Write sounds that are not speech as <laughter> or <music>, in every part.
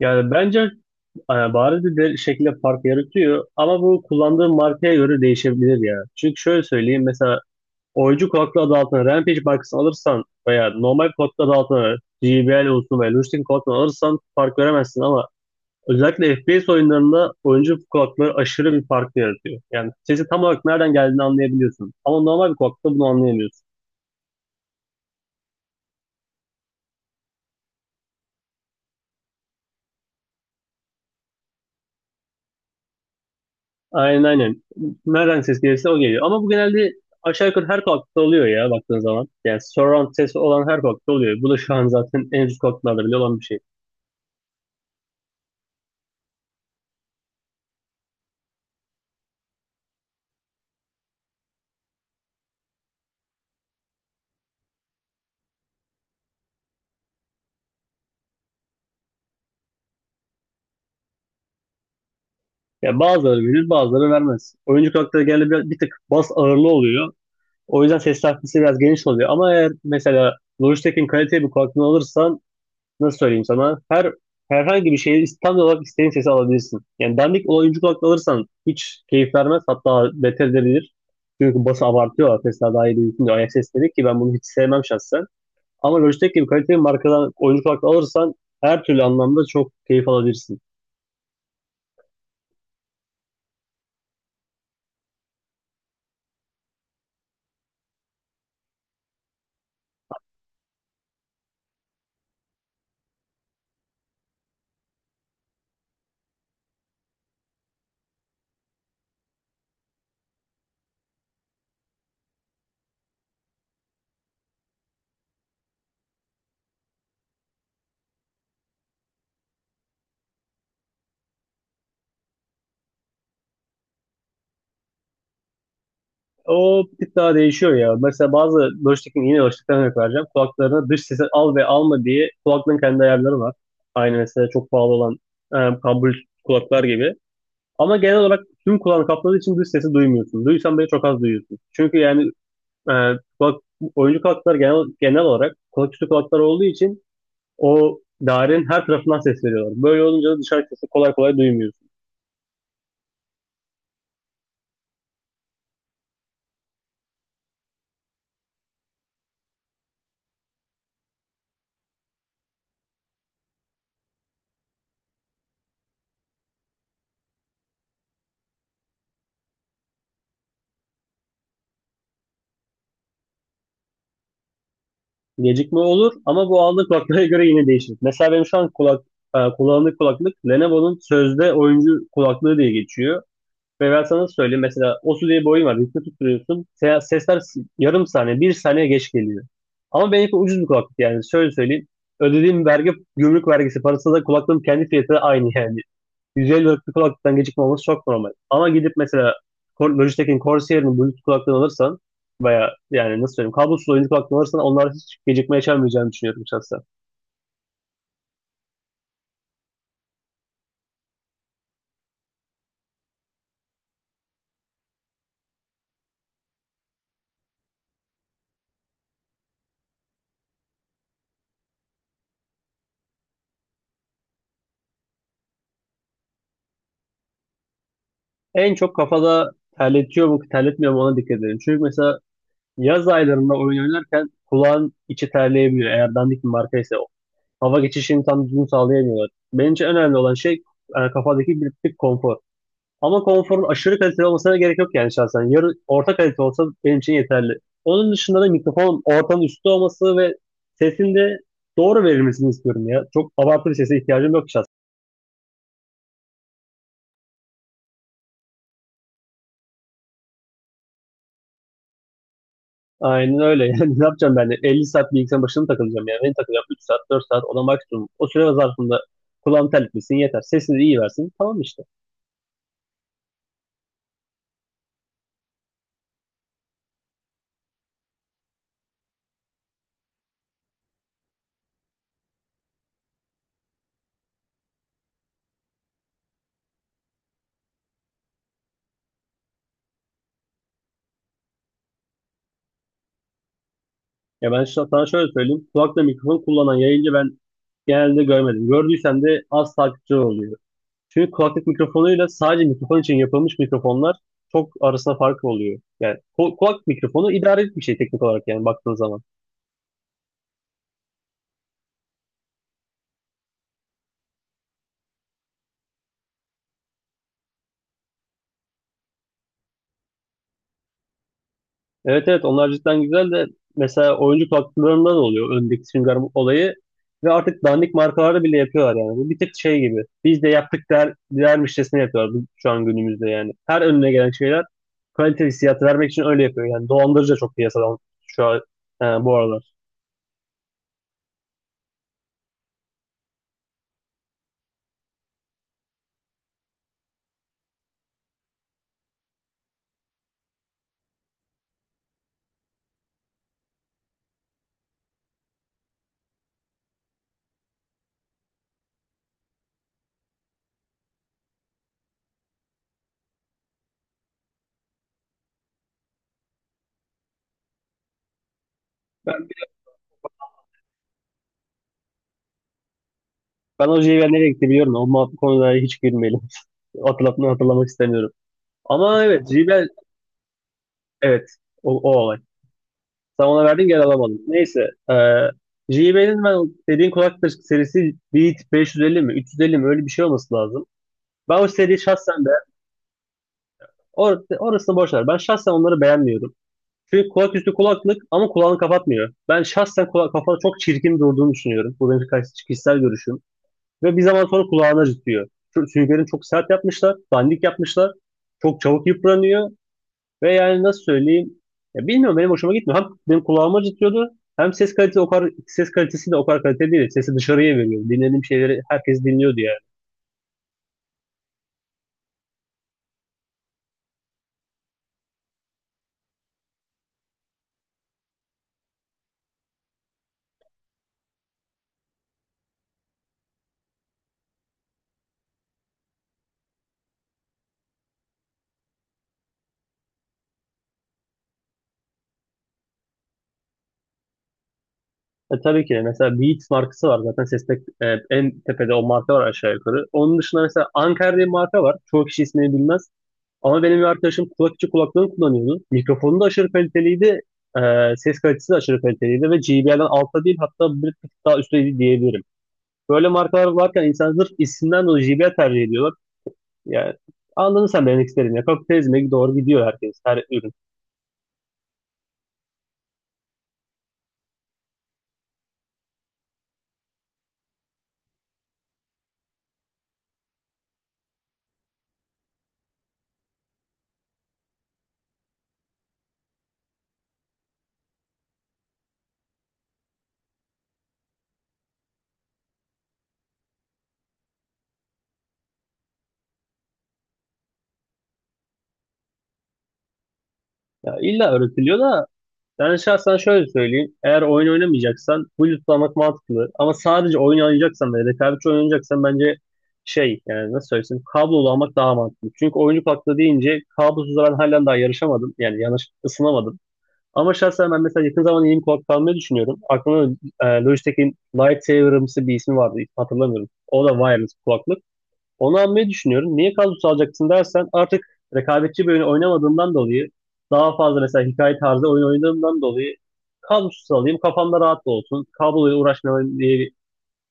Yani bence bariz bir şekilde fark yaratıyor ama bu kullandığım markaya göre değişebilir ya. Çünkü şöyle söyleyeyim, mesela oyuncu kulaklığı adı altına Rampage markasını alırsan veya normal kulaklığı adı altına JBL olsun veya Lushing kulaklığını alırsan fark veremezsin ama özellikle FPS oyunlarında oyuncu kulaklığı aşırı bir fark yaratıyor. Yani sesi tam olarak nereden geldiğini anlayabiliyorsun ama normal bir kulaklıkta bunu anlayamıyorsun. Aynen, aynen. Nereden ses gelirse o geliyor. Ama bu genelde aşağı yukarı her kulaklıkta oluyor ya, baktığın zaman. Yani surround sesi olan her kulaklıkta oluyor. Bu da şu an zaten en üst kulaklıklarda bile olan bir şey. Yani bazıları verir, bazıları vermez. Oyuncu kulaklıkta genelde bir tık bas ağırlı oluyor. O yüzden ses takvisi biraz geniş oluyor. Ama eğer mesela Logitech'in kaliteli bir kulaklığı alırsan, nasıl söyleyeyim sana, herhangi bir şeyi tam olarak istediğin sesi alabilirsin. Yani dandik oyuncu kulaklık alırsan hiç keyif vermez, hatta beter edilir. Çünkü bası abartıyor, Tesla daha iyi duyulsun diye, ayak sesleri, ki ben bunu hiç sevmem şahsen. Ama Logitech gibi kaliteli bir markadan oyuncu kulaklığı alırsan her türlü anlamda çok keyif alabilirsin. O bir tık daha değişiyor ya. Mesela Logitech'in, yine Logitech'ten örnek vereceğim. Kulaklarına dış sesi al ve alma diye kulaklığın kendi ayarları var. Aynı mesela çok pahalı olan e, Bluetooth kulaklar gibi. Ama genel olarak tüm kulağını kapladığı için dış sesi duymuyorsun. Duysan bile çok az duyuyorsun. Çünkü yani, e, kulak, oyuncu kulaklar genel olarak kulak üstü kulaklar olduğu için o dairenin her tarafından ses veriyorlar. Böyle olunca da dışarı sesi kolay kolay duymuyorsun. Gecikme olur ama bu aldığı kulaklara göre yine değişir. Mesela benim şu an kullandığım kulaklık Lenovo'nun sözde oyuncu kulaklığı diye geçiyor. Ve ben sana söyleyeyim, mesela Osu diye bir oyun var. Rift'i tutturuyorsun. Sesler yarım saniye, bir saniye geç geliyor. Ama benimki ucuz bir kulaklık yani. Şöyle söyleyeyim. Ödediğim vergi, gümrük vergisi parası da kulaklığın kendi fiyatı da aynı yani. 150 liralık bir kulaklıktan gecikme olması çok normal. Ama gidip mesela Logitech'in, Corsair'in Bluetooth kulaklığını alırsan veya, yani nasıl söyleyeyim, kablosuz oyuncu kulaklığını alırsan onlar hiç gecikme yaşamayacağını düşünüyorum şahsen. En çok kafada terletiyor mu, terletmiyor mu, ona dikkat edelim. Çünkü mesela yaz aylarında oyun oynarken kulağın içi terleyebiliyor, eğer dandik bir markaysa. O, hava geçişini tam düzgün sağlayamıyorlar. Bence en önemli olan şey kafadaki bir tık konfor. Ama konforun aşırı kaliteli olmasına gerek yok yani, şahsen. Yarı orta kalite olsa benim için yeterli. Onun dışında da mikrofon ortanın üstü olması ve sesin de doğru verilmesini istiyorum ya. Çok abartılı bir sese ihtiyacım yok. Aynen öyle. <laughs> Yani ne yapacağım ben de? 50 saat bilgisayarın başına mı takılacağım yani? Ben takılacağım 3 saat, 4 saat ona maksimum. O süre zarfında kulağım terletmesin yeter. Sesini de iyi versin. Tamam işte. Ya ben sana şöyle söyleyeyim. Kulakla mikrofon kullanan yayıncı ben genelde görmedim. Gördüysem de az takipçi oluyor. Çünkü kulaklık mikrofonuyla sadece mikrofon için yapılmış mikrofonlar çok arasında fark oluyor. Yani kulak mikrofonu idarelik bir şey teknik olarak, yani baktığın zaman. Evet, evet, onlar cidden güzel de mesela oyuncu katkılarında oluyor öndeki Sünger Bob olayı ve artık dandik markalarda bile yapıyorlar yani. Bu bir tık şey gibi, biz de yaptık dermişçesine yapıyorlar şu an, günümüzde yani. Her önüne gelen şeyler kaliteli hissiyatı vermek için öyle yapıyor. Yani dolandırıcı da çok piyasadan şu an, bu aralar. Ben, ben o JBL nereye gitti biliyorum da o konulara hiç girmeyelim. <laughs> Hatırlamak istemiyorum. Ama evet, JBL, evet, o olay. Sen ona verdin, gel alamadım. Neyse. E, JBL'in ben dediğin kulaklık serisi Beat 550 mi, 350 mi, öyle bir şey olması lazım. Ben o seriyi şahsen de, orasını boş ver. Ben şahsen onları beğenmiyorum. Çünkü kulak üstü kulaklık ama kulağını kapatmıyor. Ben şahsen kafanı çok çirkin durduğunu düşünüyorum. Bu benim kişisel görüşüm. Ve bir zaman sonra kulağını acıtıyor. Çünkü süngerini çok sert yapmışlar. Dandik yapmışlar. Çok çabuk yıpranıyor. Ve, yani nasıl söyleyeyim? Ya bilmiyorum, benim hoşuma gitmiyor. Hem benim kulağıma acıtıyordu. Hem ses kalitesi de o kadar kaliteli değil. Sesi dışarıya veriyor. Dinlediğim şeyleri herkes dinliyordu yani. Tabii ki de mesela Beats markası var zaten seste, en tepede o marka var aşağı yukarı. Onun dışında mesela Anker diye bir marka var. Çoğu kişi ismini bilmez. Ama benim bir arkadaşım kulak içi kulaklığını kullanıyordu. Mikrofonu da aşırı kaliteliydi. E, ses kalitesi de aşırı kaliteliydi ve JBL'den altta değil, hatta bir tık daha üstteydi diyebilirim. Böyle markalar varken insanlar sırf isimden dolayı JBL tercih ediyorlar. Yani anladın sen benim demek istediğimi, ya. Kapitalizme doğru gidiyor herkes, her ürün. Ya illa öğretiliyor da ben şahsen şöyle söyleyeyim. Eğer oyun oynamayacaksan Bluetooth'lamak mantıklı. Ama sadece oyun oynayacaksan ve rekabetçi oyun oynayacaksan bence, şey, yani nasıl söylesem, kablolu almak daha mantıklı. Çünkü oyuncu kulaklığı deyince kablosuz ben halen daha yarışamadım. Yani yanlış ısınamadım. Ama şahsen ben mesela yakın zamanda yeni bir kulaklık almayı düşünüyorum. Aklımda Logitech'in Lightsaber'ımsı bir ismi vardı. Hatırlamıyorum. O da wireless kulaklık. Onu almayı düşünüyorum. Niye kadro alacaksın dersen, artık rekabetçi bir oyun oynamadığımdan dolayı, daha fazla mesela hikaye tarzı oyun oynadığımdan dolayı kadrosuz alayım, kafamda rahat da olsun. Kabloyla uğraşmayayım diye bir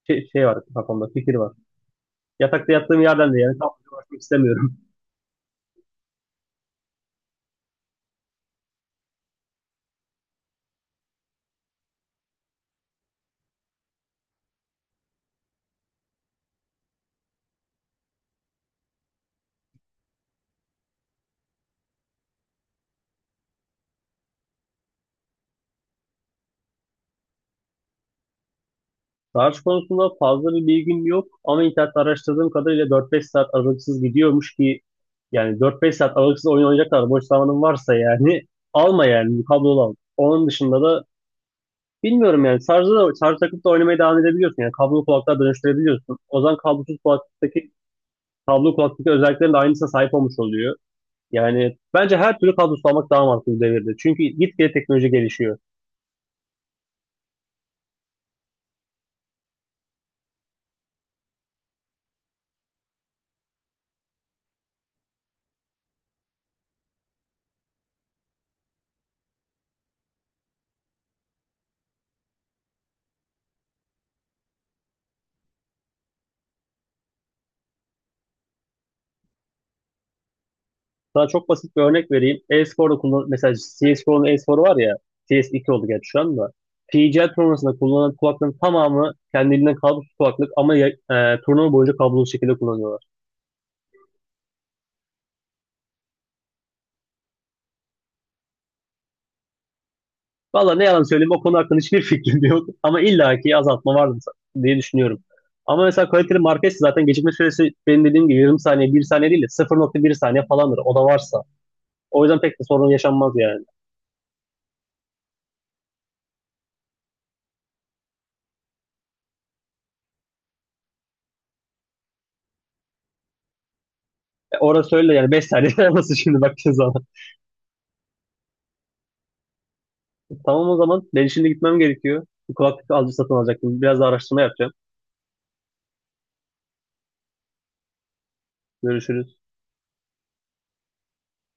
şey var kafamda, fikir var. Yatakta yattığım yerden de yani kabloyla uğraşmak istemiyorum. <laughs> Tarih konusunda fazla bir bilgim yok ama internette araştırdığım kadarıyla 4-5 saat aralıksız gidiyormuş ki, yani 4-5 saat aralıksız oyun oynayacaklar, boş zamanın varsa yani, <laughs> alma yani, kablolu al. Onun dışında da bilmiyorum yani, şarj takıp da oynamaya devam edebiliyorsun. Yani kablolu kulaklığa dönüştürebiliyorsun. O zaman kablosuz kulaklıktaki kablolu kulaklıktaki özelliklerin de aynısına sahip olmuş oluyor. Yani bence her türlü kablosuz almak daha mantıklı bu devirde. Çünkü gitgide teknoloji gelişiyor. Sana çok basit bir örnek vereyim. E-sporda kullan mesela, CS:GO'nun e-sporu var ya, CS2 oldu gerçi şu anda. PGL turnuvasında kullanılan kulaklığın tamamı kendiliğinden kablosuz kulaklık ama turnuva boyunca kablosuz şekilde kullanıyorlar. Valla ne yalan söyleyeyim, o konu hakkında hiçbir fikrim yok. Ama illaki azaltma vardır diye düşünüyorum. Ama mesela kaliteli market zaten gecikme süresi benim dediğim gibi yarım saniye, bir saniye değil de 0,1 saniye falandır. O da varsa. O yüzden pek de sorun yaşanmaz yani. Orada söyle yani, 5 saniye <laughs> nasıl şimdi, baktığın zaman. <laughs> Tamam, o zaman ben şimdi gitmem gerekiyor. Bir kulaklık satın alacaktım. Biraz da araştırma yapacağım. Görüşürüz.